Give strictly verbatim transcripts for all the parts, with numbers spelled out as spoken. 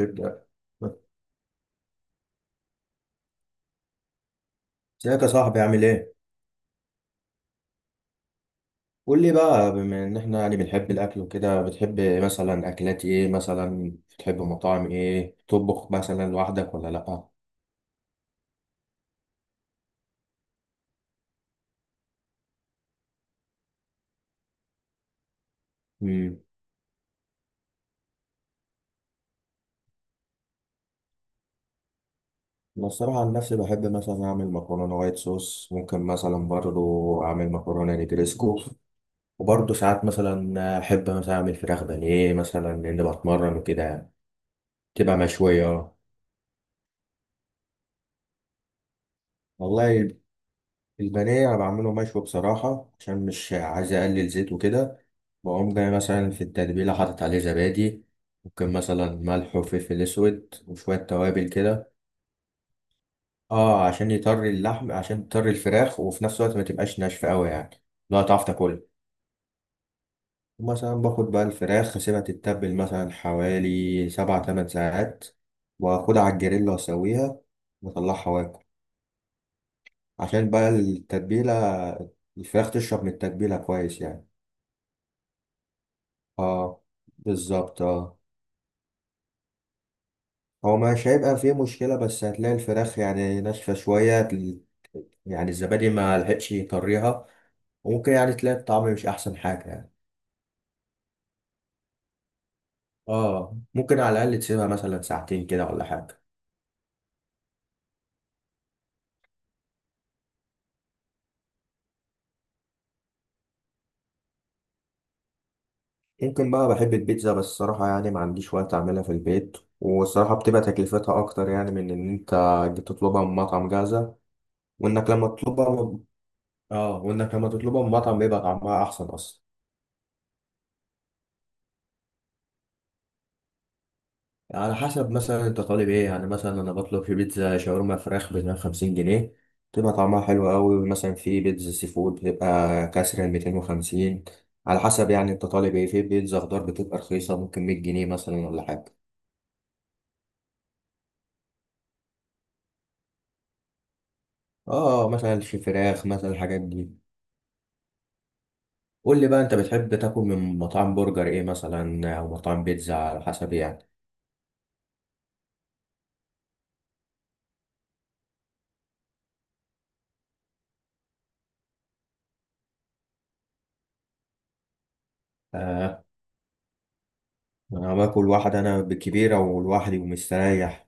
يبدأ. ازيك يا صاحبي؟ عامل ايه؟ قول لي بقى، بما ان احنا يعني بنحب الاكل وكده، بتحب مثلا اكلات ايه؟ مثلا بتحب مطاعم ايه؟ تطبخ مثلا لوحدك ولا لأ؟ امم. انا الصراحة عن نفسي بحب مثلا اعمل مكرونة وايت صوص، ممكن مثلا برضو اعمل مكرونة نجريسكو، وبرضو ساعات مثلا احب مثلا اعمل فراخ بانيه مثلا لان بتمرن وكده يعني. تبقى مشوية. والله البانيه انا بعمله مشوي بصراحه عشان مش عايز اقلل زيت وكده. بقوم جاي مثلا في التتبيله حاطط عليه زبادي، ممكن مثلا ملح وفلفل اسود وشويه توابل كده. اه عشان يطري اللحم، عشان يطري الفراخ، وفي نفس الوقت ما تبقاش ناشفه قوي يعني، لا تعرف تاكلها. مثلا باخد بقى الفراخ اسيبها تتبل مثلا حوالي سبع تمن ساعات، واخدها على الجريل واسويها واطلعها واكل، عشان بقى التتبيله، الفراخ تشرب من التتبيله كويس يعني. اه، بالظبط اه. هو مش هيبقى فيه مشكلة، بس هتلاقي الفراخ يعني ناشفة شوية، تل- يعني الزبادي ما لحقش يطريها، وممكن يعني تلاقي الطعم مش أحسن حاجة يعني. اه، ممكن على الأقل تسيبها مثلا ساعتين كده ولا حاجة. ممكن بقى بحب البيتزا، بس الصراحة يعني ما عنديش وقت أعملها في البيت، والصراحة بتبقى تكلفتها أكتر يعني من إن أنت تطلبها من مطعم جاهزة. وإنك لما تطلبها من... اه وإنك لما تطلبها من مطعم بيبقى طعمها أحسن أصلا. على حسب مثلا انت طالب ايه يعني، مثلا انا بطلب في بيتزا شاورما فراخ ب مية وخمسين جنيه، بتبقى طعمها حلو قوي. مثلا في بيتزا سي فود بتبقى كسر ال ميتين وخمسين، على حسب يعني انت طالب ايه. في بيتزا خضار بتبقى رخيصة، ممكن مية جنيه مثلا ولا حاجة. اه مثلا في فراخ، مثلا الحاجات دي. قول لي بقى، انت بتحب تاكل من مطاعم برجر ايه مثلا، او مطاعم بيتزا، على حسب يعني. آه، انا باكل واحد انا بالكبيرة ولوحدي ومستريح.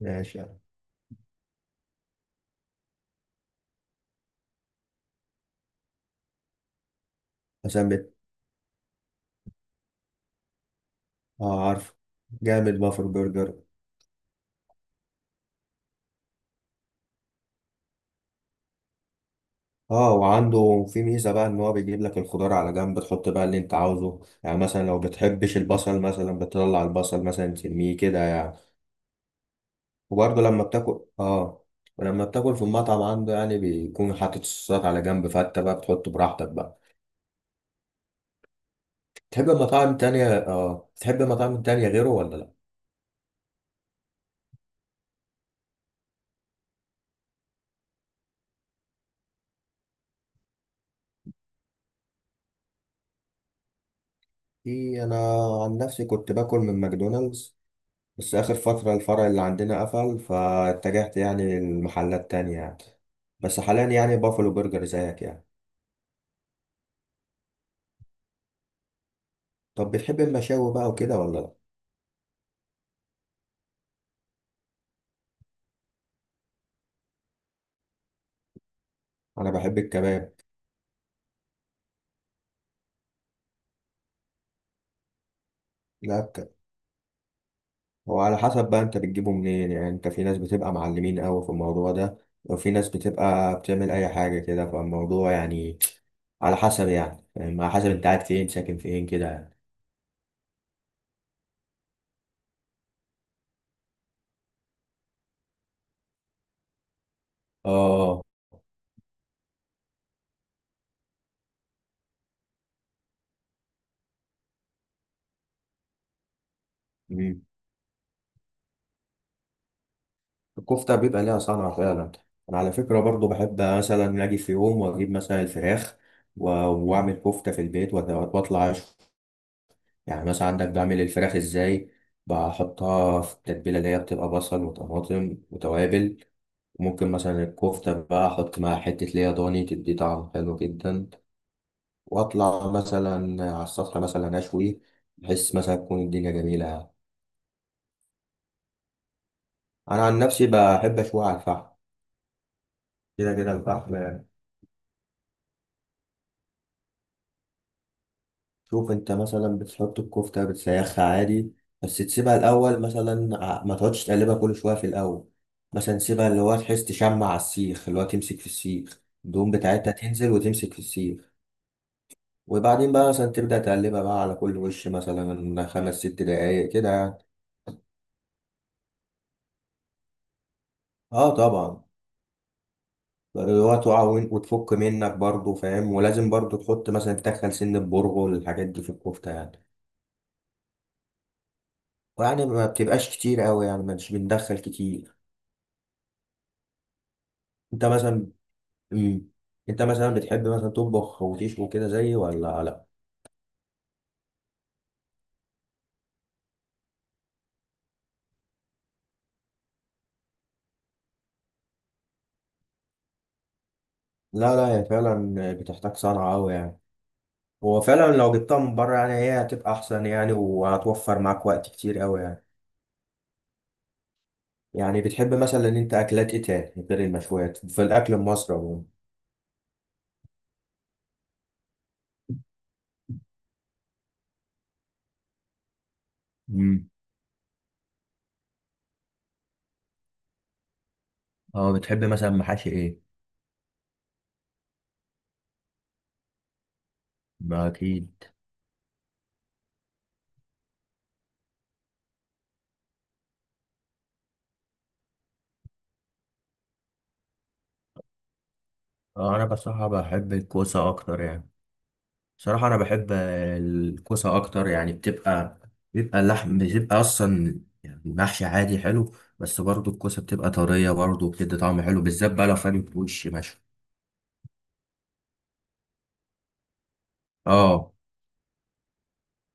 ماشي. مثلا بت- اه عارف. جامد بافر برجر. اه، وعنده في ميزة بقى ان هو بيجيب لك الخضار على جنب، تحط بقى اللي انت عاوزه، يعني مثلا لو بتحبش البصل مثلا بتطلع البصل مثلا ترميه كده يعني. وبرضه لما بتاكل اه ولما بتاكل في المطعم عنده يعني، بيكون حاطط الصوصات على جنب، فانت بقى بتحط براحتك بقى. تحب مطاعم تانية؟ اه، تحب مطاعم تانية غيره ولا لا؟ في انا، عن نفسي كنت باكل من ماكدونالدز، بس اخر فترة الفرع اللي عندنا قفل، فاتجهت يعني لمحلات تانية يعني. بس حاليا يعني بافلو برجر زيك يعني. طب بتحب المشاوي بقى وكده ولا لا؟ انا بحب الكباب. لا ك- هو على حسب بقى انت بتجيبه منين يعني، انت في ناس بتبقى معلمين قوي في الموضوع ده، وفي ناس بتبقى بتعمل اي حاجه كده فالموضوع يعني. على حسب يعني، فاهم؟ على حسب انت قاعد فين، ساكن فين كده يعني. اه. مم. الكفته بيبقى ليها صنعه فعلا. انا على فكره برضو بحب مثلا اجي في يوم واجيب مثلا الفراخ و- واعمل كفته في البيت، وأت- واطلع. يعني مثلا عندك بعمل الفراخ ازاي: بحطها في التتبيله اللي هي بتبقى بصل وطماطم وتوابل، وممكن مثلا الكفته بقى احط معاها حته ليا ضاني، تدي طعم حلو جدا. واطلع مثلا على السفره مثلا اشوي، بحس مثلا تكون الدنيا جميله. انا عن نفسي بحب اشوي على الفحم، كده كده الفحم. شوف انت مثلا بتحط الكفتة بتسيخها عادي، بس تسيبها الأول مثلا، ع- ما تقعدش تقلبها كل شوية في الأول. مثلا سيبها اللي هو تحس تشمع على السيخ، اللي هو تمسك في السيخ، الدهون بتاعتها تنزل وتمسك في السيخ، وبعدين بقى مثلا تبدأ تقلبها بقى على كل وش، مثلا خمس ست دقايق كده يعني. اه طبعا. اللي هو تقع وين- وتفك منك برضه، فاهم، ولازم برضه تحط مثلا، تدخل سن البرغل، الحاجات دي في الكفتة يعني. ويعني ما بتبقاش كتير قوي يعني، مش بندخل كتير. انت مثلا امم انت مثلا بتحب مثلا تطبخ وتشوي كده زيي ولا لا؟ لا لا هي فعلا بتحتاج صنعة أوي يعني. هو فعلا لو جبتها من بره يعني هي هتبقى أحسن يعني، وهتوفر معاك وقت كتير أوي يعني. يعني بتحب مثلا إن أنت أكلات إيه تاني غير المشويات في الأكل المصري عموما؟ امم. اه، بتحب مثلا محاشي ايه؟ ما اكيد. آه، انا بصراحة بحب الكوسة اكتر يعني. صراحة أنا بحب الكوسة أكتر يعني، بتبقى، بيبقى اللحم بتبقى أصلا يعني محشي عادي حلو، بس برضو الكوسة بتبقى طرية، برضو بتدي طعم حلو، بالذات بقى لو فاهم وش مشوي. أه.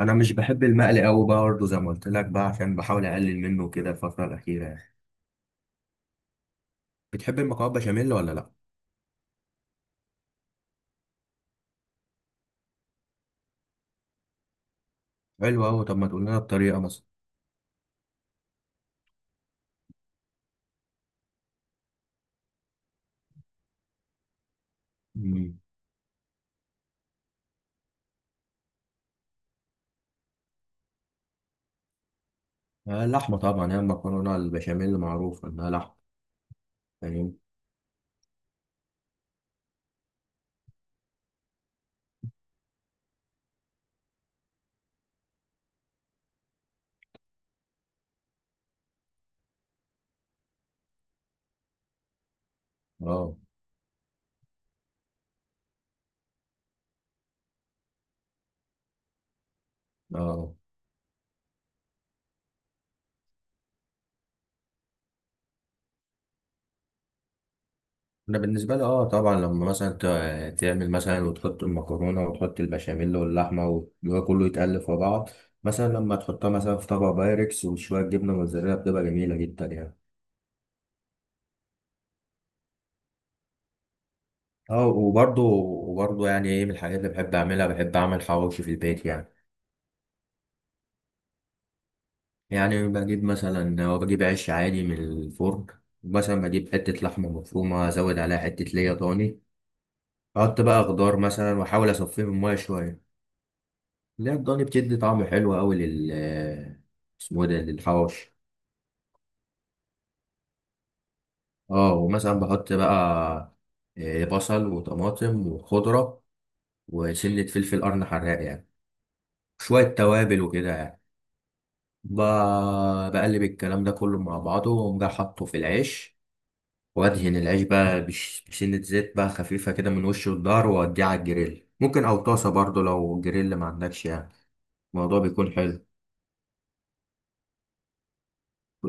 أنا مش بحب المقلي أوي بقى، برضو زي ما قلت لك بقى، عشان بحاول أقلل منه كده الفترة الأخيرة يعني. بتحب المكرونة بشاميل ولا لأ؟ حلو أوي، طب ما تقول لنا الطريقة مثلا. مم. آه، اللحمة طبعا. هي المكرونة البشاميل معروف إنها لحمة. فاهم. أه أه انا بالنسبه لي اه طبعا، لما مثلا ت- تعمل مثلا وتحط المكرونه وتحط البشاميل واللحمه وده كله يتقلب في بعض، مثلا لما تحطها مثلا في طبق بايركس وشويه جبنه موتزاريلا، بتبقى جميله جدا يعني. اه، وبرضه وبرضه يعني ايه، من الحاجات اللي بحب اعملها، بحب اعمل حواوشي في البيت يعني. يعني بجيب مثلا، هو بجيب عيش عادي من الفرن، مثلا بجيب حته لحمه مفرومه، ازود عليها حته ليا ضاني، احط بقى خضار مثلا، واحاول اصفيه من الميه شويه. لا الضاني بتدي طعم حلو قوي لل، اسمه إيه ده، للحواوشي. اه، ومثلا بحط بقى آه، بصل وطماطم وخضرة وسنة فلفل قرن حراق يعني، شوية توابل وكده يعني. ب- بقلب الكلام ده كله مع بعضه، وأقوم جاي حاطه في العيش، وأدهن العيش بقى بش- بسنة زيت بقى خفيفة كده من وش الظهر، وأوديه على الجريل ممكن، أو طاسة برضه لو جريل ما عندكش يعني. الموضوع بيكون حلو.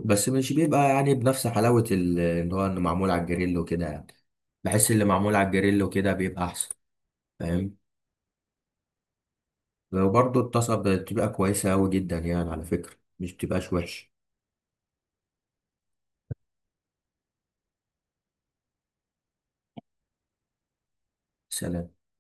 بس مش بيبقى يعني بنفس حلاوة ال- اللي هو انه معمول على الجريل وكده يعني. بحس اللي معمول على الجريل وكده بيبقى احسن، فاهم. وبرضه الطاسة بتبقى كويسة أوي جدا يعني، على فكرة مش بتبقاش وحش. سلام.